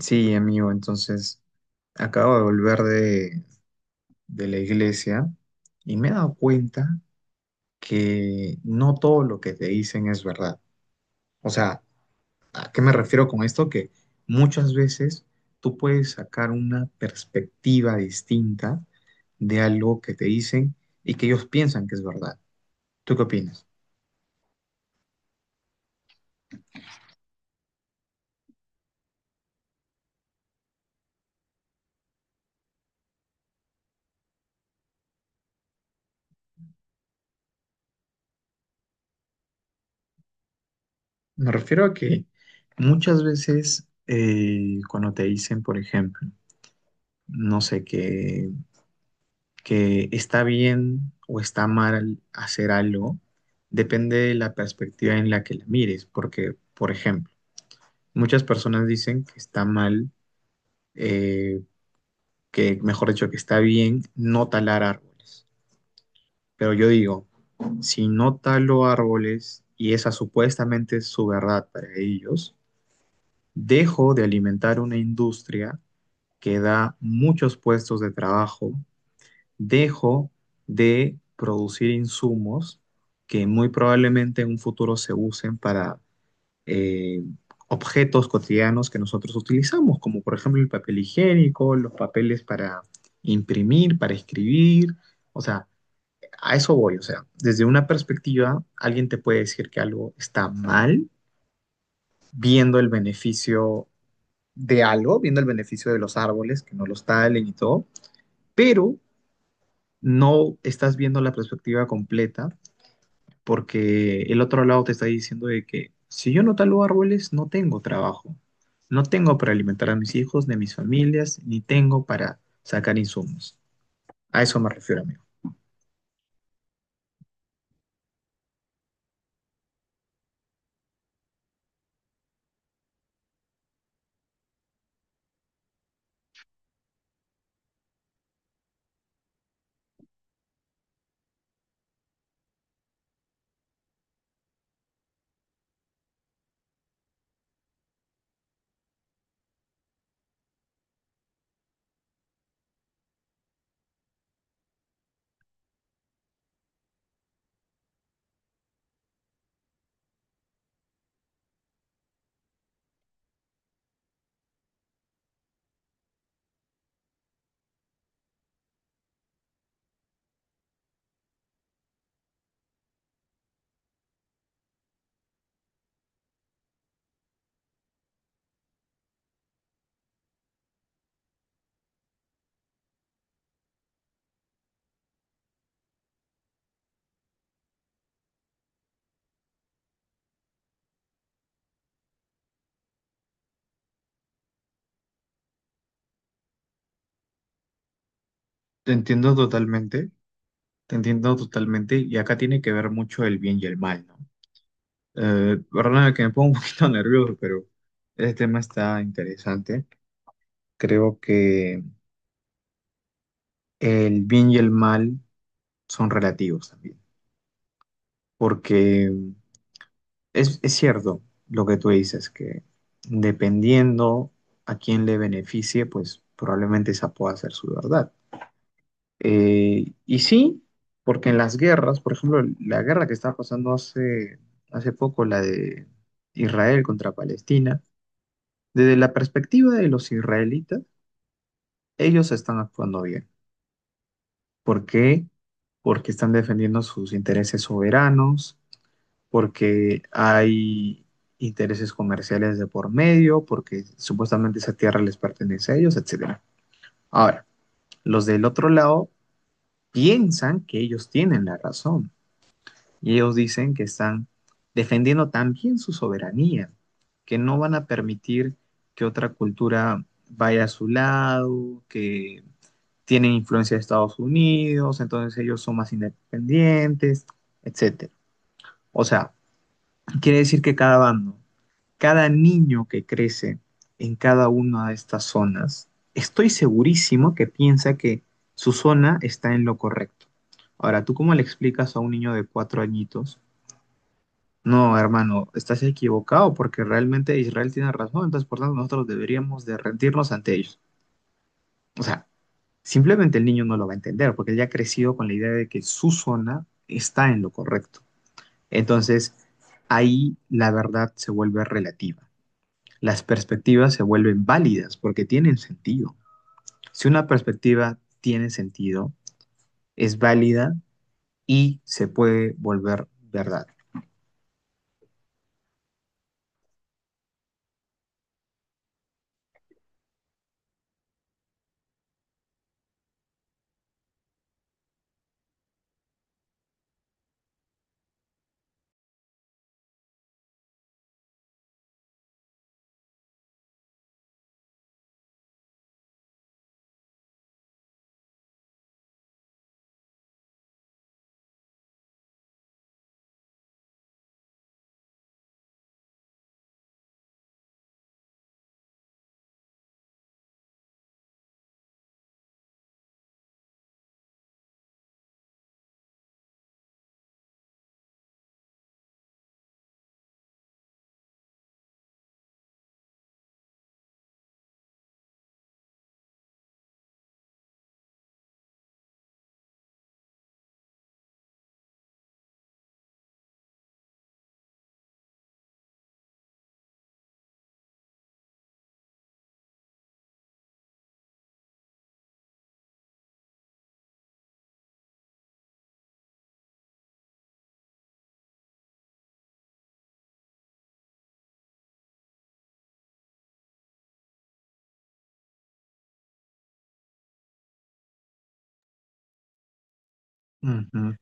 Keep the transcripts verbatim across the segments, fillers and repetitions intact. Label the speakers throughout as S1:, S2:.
S1: Sí, amigo, entonces acabo de volver de, de la iglesia y me he dado cuenta que no todo lo que te dicen es verdad. O sea, ¿a qué me refiero con esto? Que muchas veces tú puedes sacar una perspectiva distinta de algo que te dicen y que ellos piensan que es verdad. ¿Tú qué opinas? Me refiero a que muchas veces eh, cuando te dicen, por ejemplo, no sé qué que está bien o está mal hacer algo, depende de la perspectiva en la que la mires, porque, por ejemplo, muchas personas dicen que está mal, eh, que mejor dicho, que está bien no talar árboles, pero yo digo, si no talo árboles y esa supuestamente es su verdad para ellos, dejo de alimentar una industria que da muchos puestos de trabajo, dejo de producir insumos que muy probablemente en un futuro se usen para eh, objetos cotidianos que nosotros utilizamos, como por ejemplo el papel higiénico, los papeles para imprimir, para escribir. O sea, a eso voy. O sea, desde una perspectiva, alguien te puede decir que algo está mal viendo el beneficio de algo, viendo el beneficio de los árboles, que no los talen y todo, pero no estás viendo la perspectiva completa porque el otro lado te está diciendo de que si yo no talo árboles, no tengo trabajo, no tengo para alimentar a mis hijos, ni a mis familias, ni tengo para sacar insumos. A eso me refiero, amigo. Te entiendo totalmente, te entiendo totalmente, y acá tiene que ver mucho el bien y el mal, ¿no? Eh, perdóname que me pongo un poquito nervioso, pero este tema está interesante. Creo que el bien y el mal son relativos también, porque Es, es cierto lo que tú dices, que dependiendo a quién le beneficie, pues probablemente esa pueda ser su verdad. Eh, y sí, porque en las guerras, por ejemplo, la guerra que estaba pasando hace, hace poco, la de Israel contra Palestina, desde la perspectiva de los israelitas, ellos están actuando bien. ¿Por qué? Porque están defendiendo sus intereses soberanos, porque hay intereses comerciales de por medio, porque supuestamente esa tierra les pertenece a ellos, etcétera. Ahora, los del otro lado piensan que ellos tienen la razón y ellos dicen que están defendiendo también su soberanía, que no van a permitir que otra cultura vaya a su lado, que tienen influencia de Estados Unidos, entonces ellos son más independientes, etcétera. O sea, quiere decir que cada bando, cada niño que crece en cada una de estas zonas, estoy segurísimo que piensa que su zona está en lo correcto. Ahora, ¿tú cómo le explicas a un niño de cuatro añitos? No, hermano, estás equivocado porque realmente Israel tiene razón, entonces por tanto nosotros deberíamos de rendirnos ante ellos. O sea, simplemente el niño no lo va a entender porque él ya ha crecido con la idea de que su zona está en lo correcto. Entonces, ahí la verdad se vuelve relativa. Las perspectivas se vuelven válidas porque tienen sentido. Si una perspectiva tiene sentido, es válida y se puede volver verdad. Uh -huh.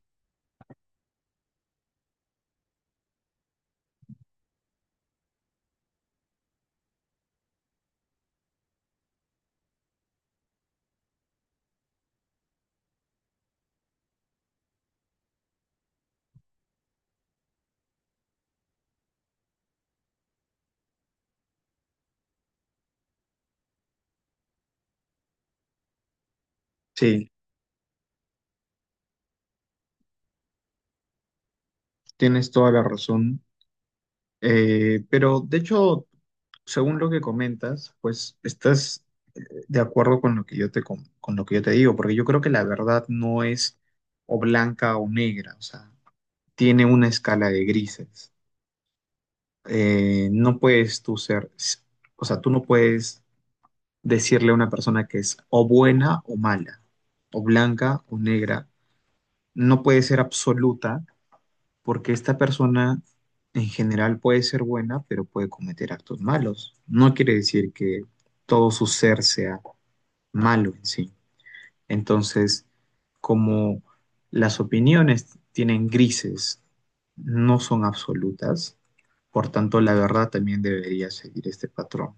S1: Sí, tienes toda la razón. Eh, pero de hecho, según lo que comentas, pues estás de acuerdo con lo que yo te, con, con lo que yo te digo, porque yo creo que la verdad no es o blanca o negra, o sea, tiene una escala de grises. Eh, no puedes tú ser, o sea, tú no puedes decirle a una persona que es o buena o mala, o blanca o negra. No puede ser absoluta porque esta persona en general puede ser buena, pero puede cometer actos malos. No quiere decir que todo su ser sea malo en sí. Entonces, como las opiniones tienen grises, no son absolutas, por tanto, la verdad también debería seguir este patrón.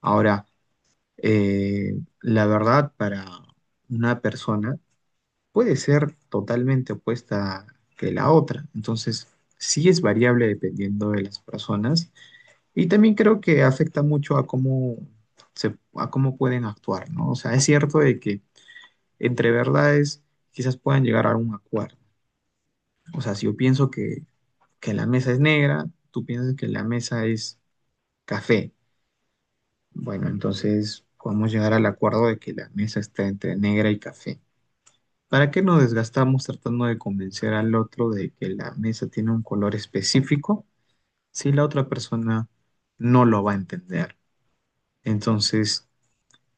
S1: Ahora, eh, la verdad para una persona puede ser totalmente opuesta que la otra. Entonces, sí es variable dependiendo de las personas y también creo que afecta mucho a cómo se, a cómo pueden actuar, ¿no? O sea, es cierto de que entre verdades quizás puedan llegar a un acuerdo. O sea, si yo pienso que, que la mesa es negra, tú piensas que la mesa es café. Bueno, entonces podemos llegar al acuerdo de que la mesa está entre negra y café. ¿Para qué nos desgastamos tratando de convencer al otro de que la mesa tiene un color específico si la otra persona no lo va a entender? Entonces,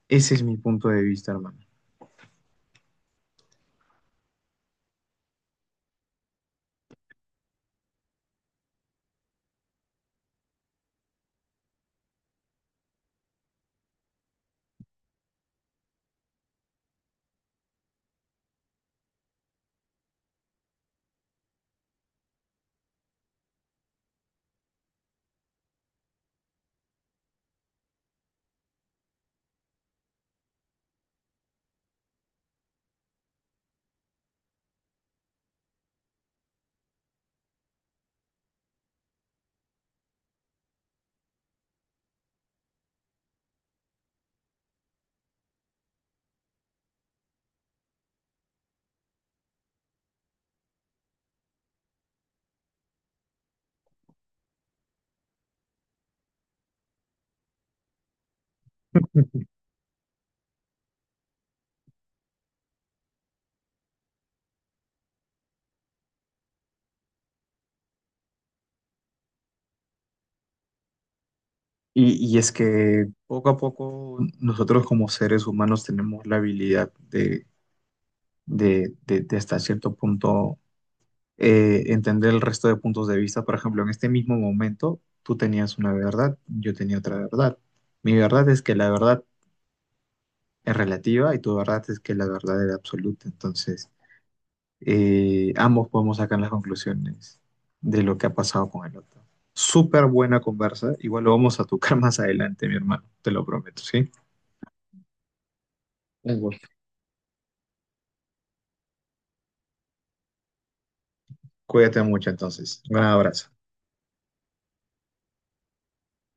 S1: ese es mi punto de vista, hermano. Y, y es que poco a poco nosotros como seres humanos tenemos la habilidad de, de, de- de hasta cierto punto eh, entender el resto de puntos de vista. Por ejemplo, en este mismo momento tú tenías una verdad, yo tenía otra verdad. Mi verdad es que la verdad es relativa y tu verdad es que la verdad es absoluta. Entonces, eh, ambos podemos sacar las conclusiones de lo que ha pasado con el otro. Súper buena conversa. Igual lo vamos a tocar más adelante, mi hermano. Te lo prometo, ¿sí? Igual. Cuídate mucho entonces. Un gran abrazo.